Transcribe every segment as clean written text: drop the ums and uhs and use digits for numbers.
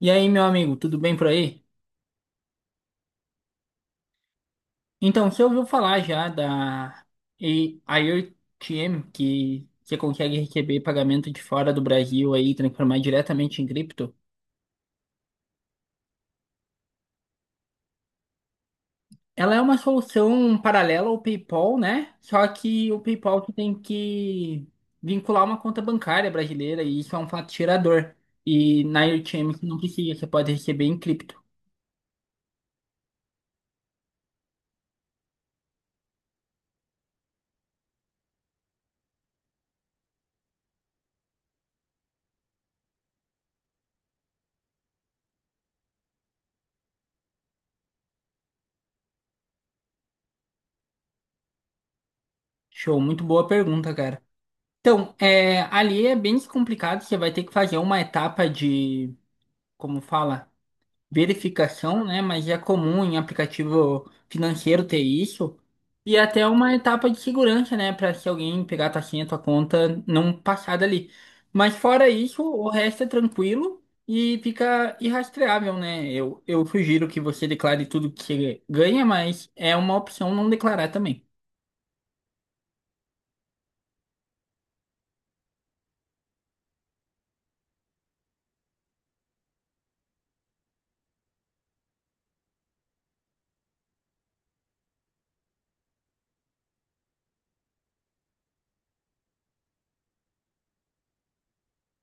E aí, meu amigo, tudo bem por aí? Então, você ouviu falar já da IoTM, que você consegue receber pagamento de fora do Brasil aí, e transformar diretamente em cripto? Ela é uma solução paralela ao PayPal, né? Só que o PayPal que tem que vincular uma conta bancária brasileira e isso é um fato tirador. E na IoTM você não precisa, você pode receber em cripto. Show, muito boa pergunta, cara. Então, é, ali é bem complicado, você vai ter que fazer uma etapa de como fala, verificação, né? Mas é comum em aplicativo financeiro ter isso. E é até uma etapa de segurança, né? Para se alguém pegar a tua senha, tua conta, não passar dali. Mas fora isso, o resto é tranquilo e fica irrastreável, né? Eu sugiro que você declare tudo que você ganha, mas é uma opção não declarar também.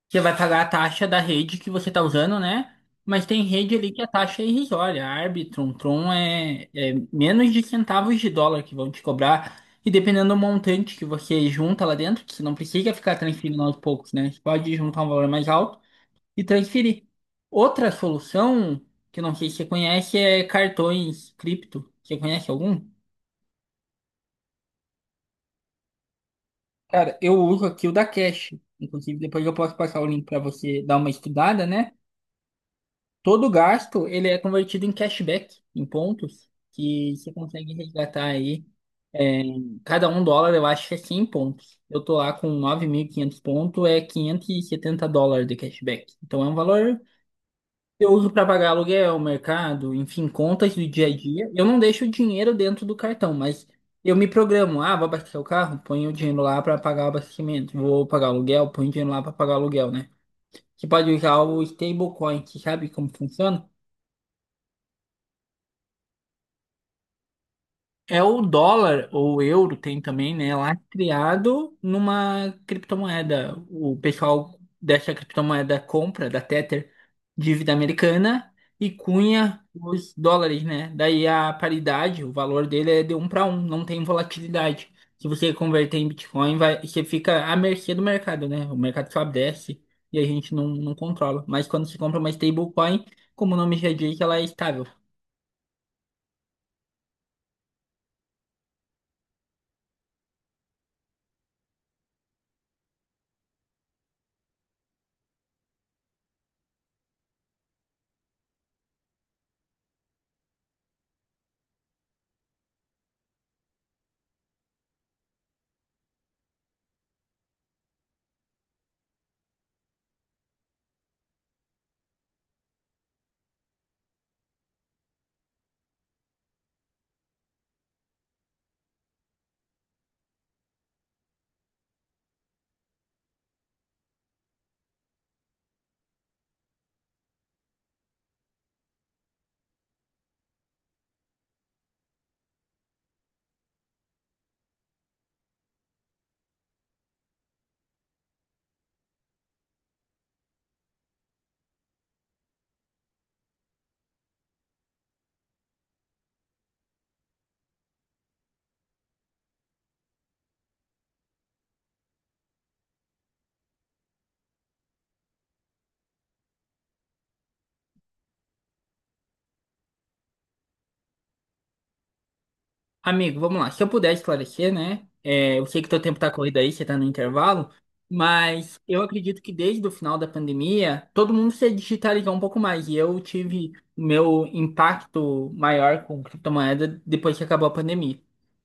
Você vai pagar a taxa da rede que você está usando, né? Mas tem rede ali que a taxa é irrisória. A Arbitrum, Tron é, é menos de centavos de dólar que vão te cobrar. E dependendo do montante que você junta lá dentro, que você não precisa ficar transferindo aos poucos, né? Você pode juntar um valor mais alto e transferir. Outra solução, que eu não sei se você conhece, é cartões cripto. Você conhece algum? Cara, eu uso aqui o da Cash. Inclusive, depois eu posso passar o link para você dar uma estudada, né? Todo gasto, ele é convertido em cashback, em pontos, que você consegue resgatar aí. Cada um dólar, eu acho que é 100 pontos. Eu tô lá com 9.500 pontos, é 570 dólares de cashback. Então é um valor que eu uso para pagar aluguel, mercado, enfim, contas do dia a dia. Eu não deixo o dinheiro dentro do cartão, mas eu me programo. Ah, vou abastecer o carro, ponho o dinheiro lá para pagar o abastecimento. Vou pagar o aluguel, ponho o dinheiro lá para pagar o aluguel, né? Você pode usar o stablecoin, você sabe como funciona? É o dólar ou o euro tem também, né? Lastreado numa criptomoeda. O pessoal dessa criptomoeda compra da Tether dívida americana e cunha os dólares, né? Daí a paridade, o valor dele é de um para um, não tem volatilidade. Se você converter em Bitcoin, vai, você fica à mercê do mercado, né? O mercado sobe, desce e a gente não controla. Mas quando se compra uma stablecoin, como o nome já diz, ela é estável. Amigo, vamos lá. Se eu puder esclarecer, né? É, eu sei que teu tempo tá corrido aí, você tá no intervalo, mas eu acredito que desde o final da pandemia, todo mundo se digitalizou um pouco mais. E eu tive o meu impacto maior com criptomoeda depois que acabou a pandemia.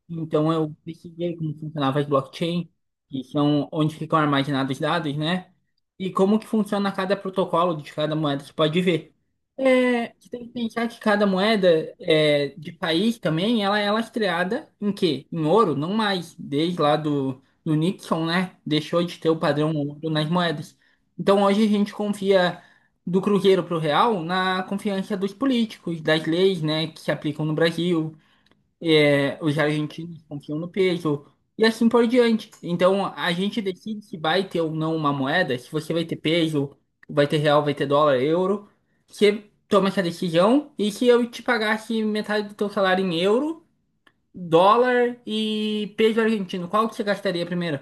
Então eu pesquisei como funcionava as blockchain, que são onde ficam armazenados os dados, né? E como que funciona cada protocolo de cada moeda, você pode ver. É, você tem que pensar que cada moeda é, de país também, ela é lastreada em quê? Em ouro, não mais. Desde lá do Nixon, né? Deixou de ter o padrão ouro nas moedas. Então hoje a gente confia do cruzeiro para o real na confiança dos políticos, das leis, né, que se aplicam no Brasil é, os argentinos confiam no peso e assim por diante. Então a gente decide se vai ter ou não uma moeda, se você vai ter peso, vai ter real, vai ter dólar, euro. Você toma essa decisão e se eu te pagasse metade do teu salário em euro, dólar e peso argentino, qual que você gastaria primeiro?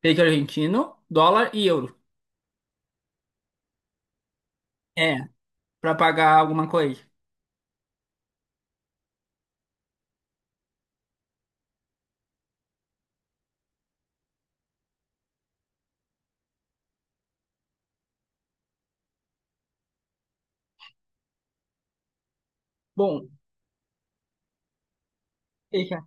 Peso argentino, dólar e euro. É, para pagar alguma coisa. Bom, deixa.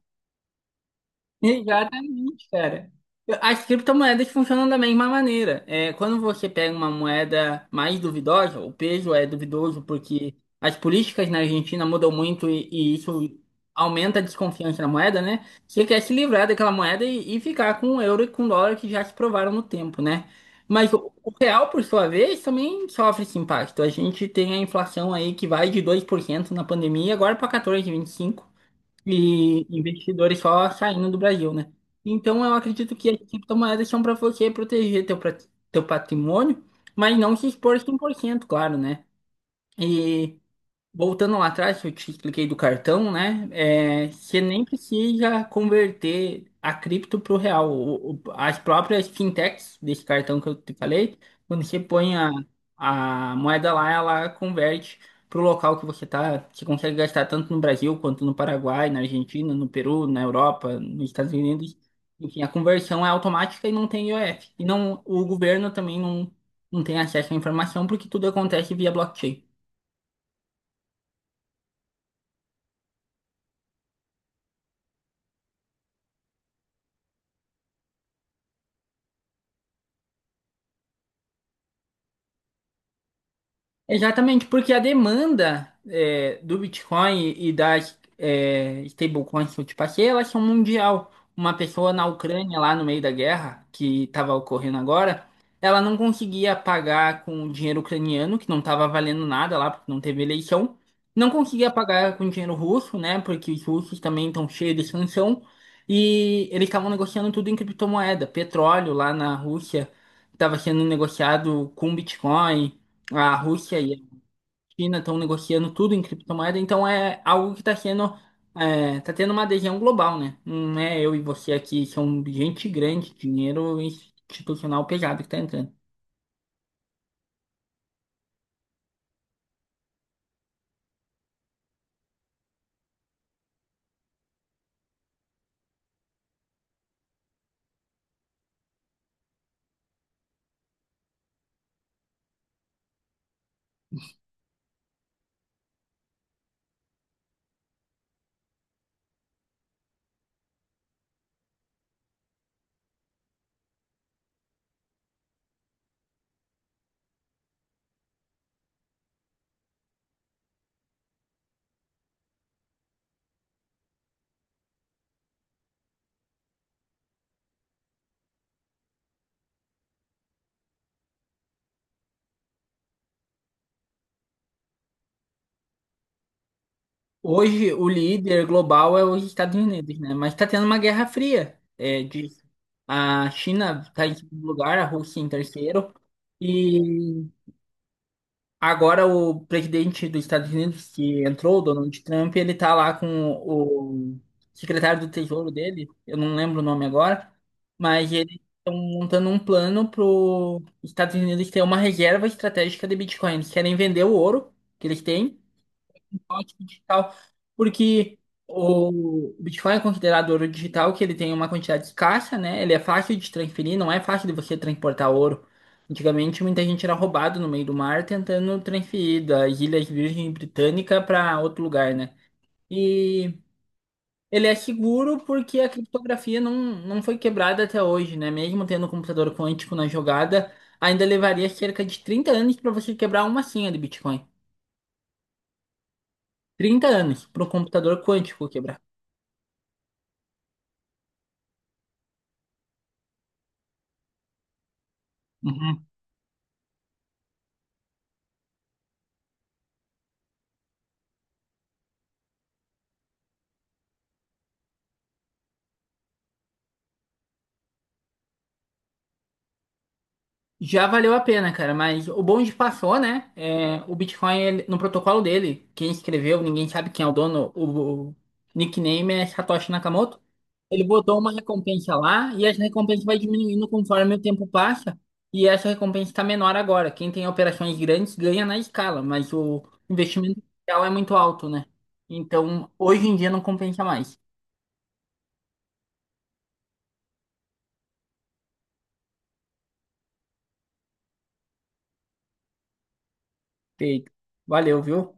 Exatamente, cara. As criptomoedas funcionam da mesma maneira. É, quando você pega uma moeda mais duvidosa, o peso é duvidoso porque as políticas na Argentina mudam muito e isso aumenta a desconfiança na moeda, né? Você quer se livrar daquela moeda e ficar com o euro e com o dólar que já se provaram no tempo, né? Mas o real, por sua vez, também sofre esse impacto. A gente tem a inflação aí que vai de 2% na pandemia agora para 14,25% e investidores só saindo do Brasil, né? Então eu acredito que as criptomoedas são para você proteger teu patrimônio, mas não se expor 100%, claro, né? E voltando lá atrás, que eu te expliquei do cartão, né? É, você nem precisa converter a cripto para o real. As próprias fintechs desse cartão que eu te falei, quando você põe a moeda lá, ela converte para o local que você está. Você consegue gastar tanto no Brasil quanto no Paraguai, na Argentina, no Peru, na Europa, nos Estados Unidos. Enfim, a conversão é automática e não tem IOF. E não, o governo também não tem acesso à informação porque tudo acontece via blockchain. Exatamente, porque a demanda é, do Bitcoin e das é, stablecoins que eu te passei, elas são mundial. Uma pessoa na Ucrânia, lá no meio da guerra, que estava ocorrendo agora, ela não conseguia pagar com o dinheiro ucraniano, que não estava valendo nada lá, porque não teve eleição. Não conseguia pagar com dinheiro russo, né? Porque os russos também estão cheios de sanção. E eles estavam negociando tudo em criptomoeda. Petróleo lá na Rússia estava sendo negociado com Bitcoin. A Rússia e a China estão negociando tudo em criptomoeda, então é algo que está sendo, é, tá tendo uma adesão global, né? Não é eu e você aqui, são gente grande, dinheiro institucional pesado que está entrando. Hoje, o líder global é os Estados Unidos, né? Mas está tendo uma guerra fria, é, disso. A China está em segundo lugar, a Rússia em terceiro, e agora o presidente dos Estados Unidos que entrou, o Donald Trump, ele tá lá com o secretário do Tesouro dele, eu não lembro o nome agora, mas eles estão montando um plano para os Estados Unidos ter uma reserva estratégica de Bitcoin. Eles querem vender o ouro que eles têm ótimo digital, porque o Bitcoin é considerado ouro digital, que ele tem uma quantidade escassa, né? Ele é fácil de transferir, não é fácil de você transportar ouro. Antigamente, muita gente era roubado no meio do mar tentando transferir das Ilhas Virgem Britânica para outro lugar, né? E ele é seguro porque a criptografia não foi quebrada até hoje, né? Mesmo tendo um computador quântico na jogada, ainda levaria cerca de 30 anos para você quebrar uma senha de Bitcoin. 30 anos para o computador quântico quebrar. Uhum. Já valeu a pena, cara, mas o bonde passou, né? É, o Bitcoin, no protocolo dele, quem escreveu, ninguém sabe quem é o dono, o nickname é Satoshi Nakamoto. Ele botou uma recompensa lá e essa recompensa vai diminuindo conforme o tempo passa. E essa recompensa está menor agora. Quem tem operações grandes ganha na escala, mas o investimento inicial é muito alto, né? Então, hoje em dia não compensa mais. Feito. Valeu, viu?